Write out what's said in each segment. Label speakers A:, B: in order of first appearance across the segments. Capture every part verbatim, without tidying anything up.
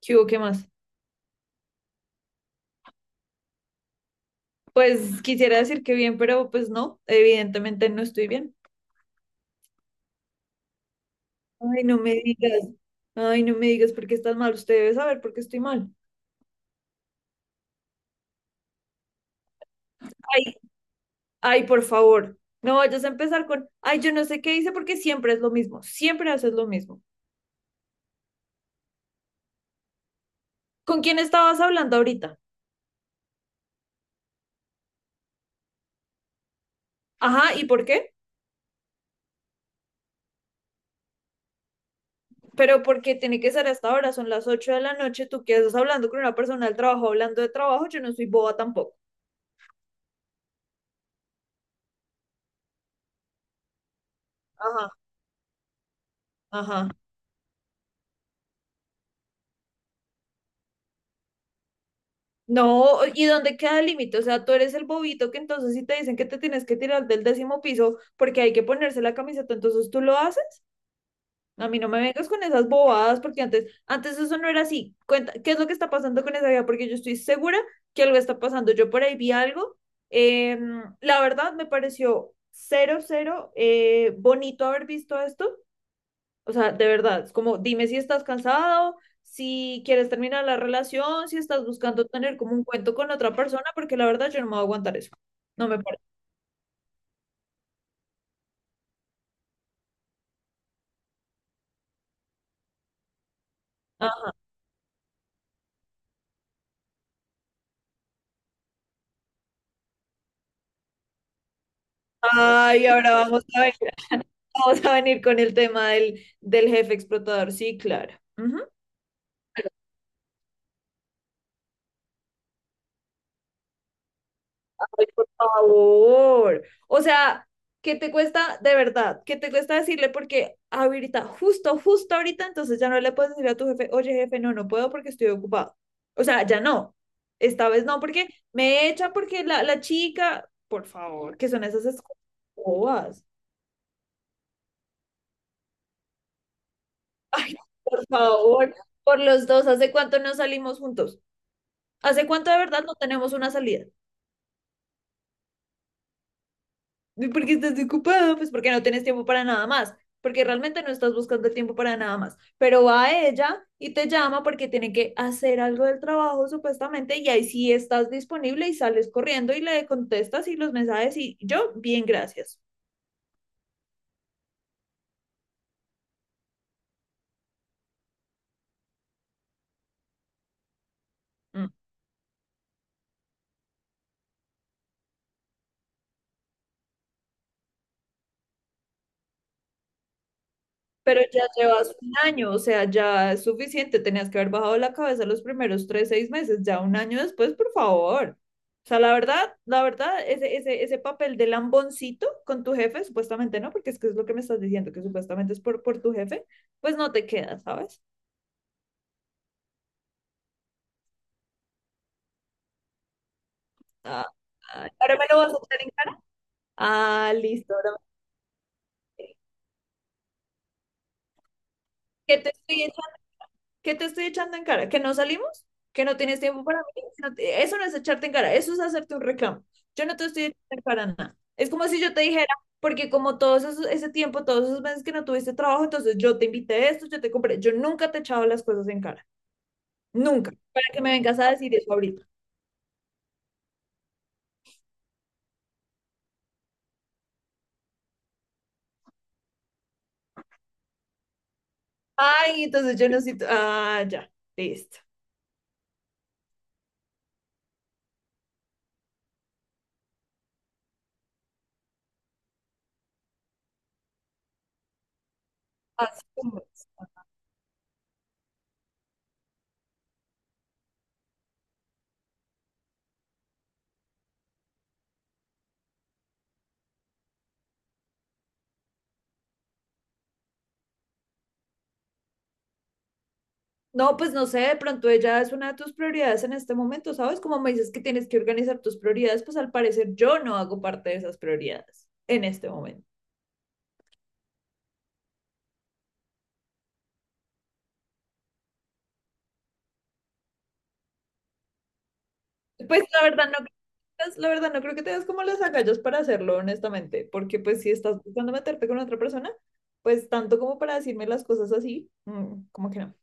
A: ¿Qué hubo? ¿Qué más? Pues quisiera decir que bien, pero pues no, evidentemente no estoy bien. Ay, no me digas, ay, no me digas por qué estás mal, usted debe saber por qué estoy mal. Ay, ay, por favor, no vayas a empezar con, ay, yo no sé qué hice porque siempre es lo mismo, siempre haces lo mismo. ¿Con quién estabas hablando ahorita? Ajá, ¿y por qué? Pero porque tiene que ser hasta ahora, son las ocho de la noche, tú qué estás hablando con una persona del trabajo, hablando de trabajo, yo no soy boba tampoco. Ajá, ajá. No, ¿y dónde queda el límite? O sea, tú eres el bobito que entonces si te dicen que te tienes que tirar del décimo piso porque hay que ponerse la camiseta, entonces tú lo haces. A mí no me vengas con esas bobadas porque antes, antes eso no era así. Cuenta, ¿qué es lo que está pasando con esa vida? Porque yo estoy segura que algo está pasando. Yo por ahí vi algo. Em, la verdad me pareció cero, cero eh, bonito haber visto esto, o sea, de verdad, es como, dime si estás cansado, si quieres terminar la relación, si estás buscando tener como un cuento con otra persona, porque la verdad yo no me voy a aguantar eso. No me parece. Ajá. Ay, ahora vamos a venir, vamos a venir con el tema del, del jefe explotador. Sí, claro. Ujú. Ay, por favor. O sea, ¿qué te cuesta de verdad? ¿Qué te cuesta decirle? Porque ahorita, justo, justo ahorita, entonces ya no le puedes decir a tu jefe, oye, jefe, no, no puedo porque estoy ocupado. O sea, ya no. Esta vez no, porque me echa porque la, la chica, por favor, que son esas excusas bobas. Ay, por favor, por los dos, ¿hace cuánto no salimos juntos? ¿Hace cuánto de verdad no tenemos una salida? ¿Y por qué estás ocupada? Pues porque no tienes tiempo para nada más, porque realmente no estás buscando tiempo para nada más. Pero va ella y te llama porque tiene que hacer algo del trabajo supuestamente y ahí sí estás disponible y sales corriendo y le contestas y los mensajes y yo, bien, gracias. Mm. Pero ya llevas un año, o sea, ya es suficiente. Tenías que haber bajado la cabeza los primeros tres, seis meses, ya un año después, por favor. O sea, la verdad, la verdad, ese, ese, ese papel de lamboncito con tu jefe, supuestamente no, porque es que es lo que me estás diciendo, que supuestamente es por, por tu jefe, pues no te queda, ¿sabes? Ah, ah, ¿ahora me lo vas a echar en cara? Ah, listo, ahora me- ¿Qué te estoy echando? ¿Qué te estoy echando en cara? ¿Que no salimos? ¿Que no tienes tiempo para mí? No te- Eso no es echarte en cara, eso es hacerte un reclamo. Yo no te estoy echando en cara nada. Es como si yo te dijera, porque como todos esos, ese tiempo, todos esos meses que no tuviste trabajo, entonces yo te invité esto, yo te compré. Yo nunca te he echado las cosas en cara, nunca, para que me vengas a decir eso ahorita. Ay, entonces yo no siento, ah, ya, listo. Así como... No, pues no sé, de pronto ella es una de tus prioridades en este momento, ¿sabes? Como me dices que tienes que organizar tus prioridades, pues al parecer yo no hago parte de esas prioridades en este momento. Pues la verdad no, creo- la verdad no creo que tengas como las agallas para hacerlo, honestamente, porque pues si estás buscando meterte con otra persona, pues tanto como para decirme las cosas así, mm, como que no.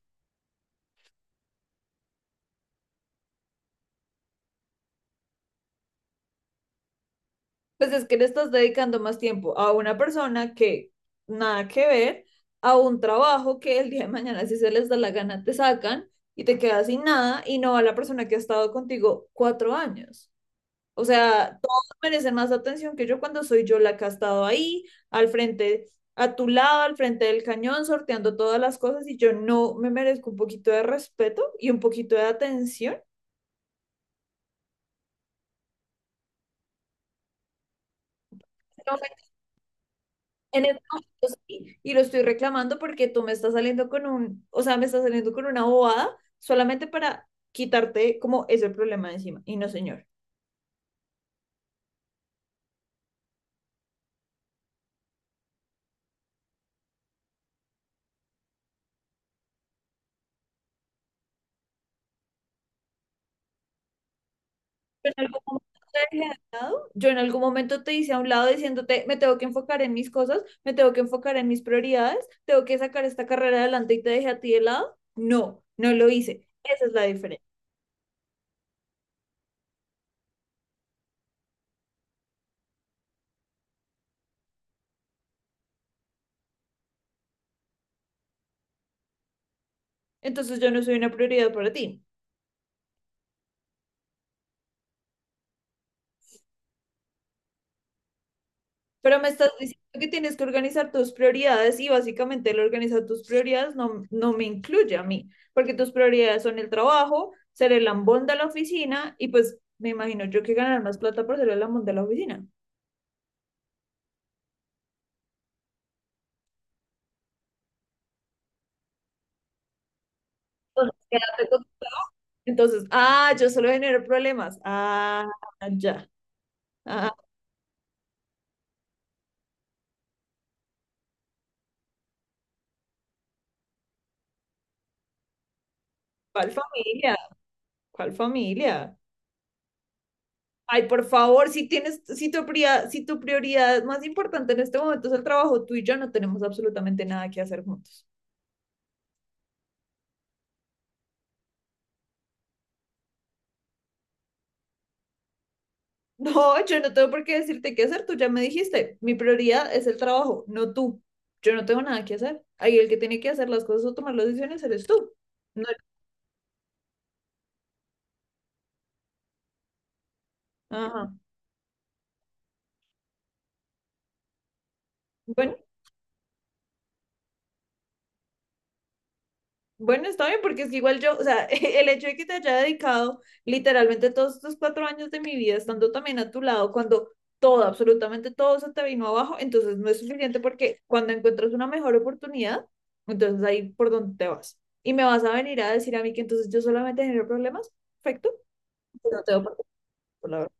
A: Pues es que le estás dedicando más tiempo a una persona que nada que ver, a un trabajo que el día de mañana, si se les da la gana, te sacan y te quedas sin nada y no a la persona que ha estado contigo cuatro años. O sea, todos merecen más atención que yo cuando soy yo la que ha estado ahí, al frente, a tu lado, al frente del cañón, sorteando todas las cosas y yo no me merezco un poquito de respeto y un poquito de atención. No me En este momento sí, y lo estoy reclamando porque tú me estás saliendo con un, o sea, me estás saliendo con una bobada solamente para quitarte como ese problema de encima. Y no, señor. Yo en algún momento te dejé de lado, yo en algún momento te hice a un lado diciéndote, me tengo que enfocar en mis cosas, me tengo que enfocar en mis prioridades, tengo que sacar esta carrera adelante y te dejé a ti de lado. No, no lo hice. Esa es la diferencia. Entonces yo no soy una prioridad para ti. Pero me estás diciendo que tienes que organizar tus prioridades y básicamente el organizar tus prioridades no, no me incluye a mí, porque tus prioridades son el trabajo, ser el lambón de la oficina y pues me imagino yo que ganar más plata por ser el lambón de la oficina. Entonces, quédate con- entonces, ah, yo solo genero problemas. Ah, ya. Ah, ¿cuál familia? ¿Cuál familia? Ay, por favor, si tienes, si tu prioridad, si tu prioridad más importante en este momento es el trabajo, tú y yo no tenemos absolutamente nada que hacer juntos. No, yo no tengo por qué decirte qué hacer, tú ya me dijiste, mi prioridad es el trabajo, no tú. Yo no tengo nada que hacer. Ahí el que tiene que hacer las cosas o tomar las decisiones eres tú. No- Ajá. Bueno, bueno, está bien, porque es que igual yo, o sea, el hecho de que te haya dedicado literalmente todos estos cuatro años de mi vida estando también a tu lado, cuando todo, absolutamente todo se te vino abajo, entonces no es suficiente porque cuando encuentras una mejor oportunidad, entonces ahí por donde te vas. Y me vas a venir a decir a mí que entonces yo solamente genero problemas. Perfecto. No te veo por qué, por la verdad.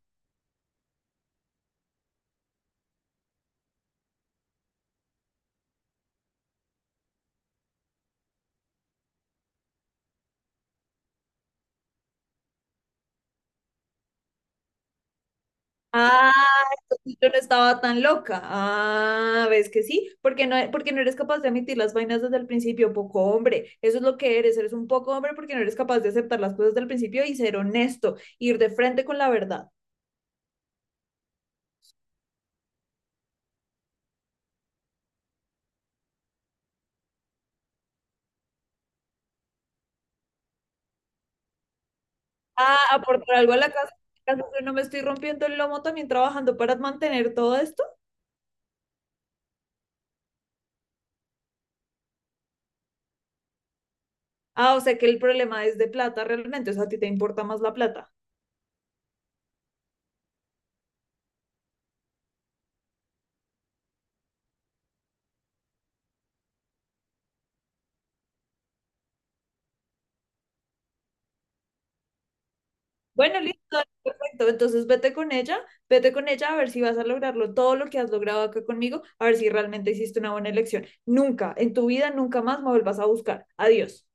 A: Ah, entonces yo no estaba tan loca. Ah, ves que sí, porque no, porque no eres capaz de admitir las vainas desde el principio, poco hombre. Eso es lo que eres, eres un poco hombre porque no eres capaz de aceptar las cosas desde el principio y ser honesto, ir de frente con la verdad. Ah, aportar algo a la casa, en yo no me estoy rompiendo el lomo también trabajando para mantener todo esto. Ah, o sea que el problema es de plata realmente, o sea, a ti te importa más la plata. Bueno, listo, dale, perfecto. Entonces vete con ella, vete con ella a ver si vas a lograrlo todo lo que has logrado acá conmigo, a ver si realmente hiciste una buena elección. Nunca, en tu vida, nunca más me vuelvas a buscar. Adiós.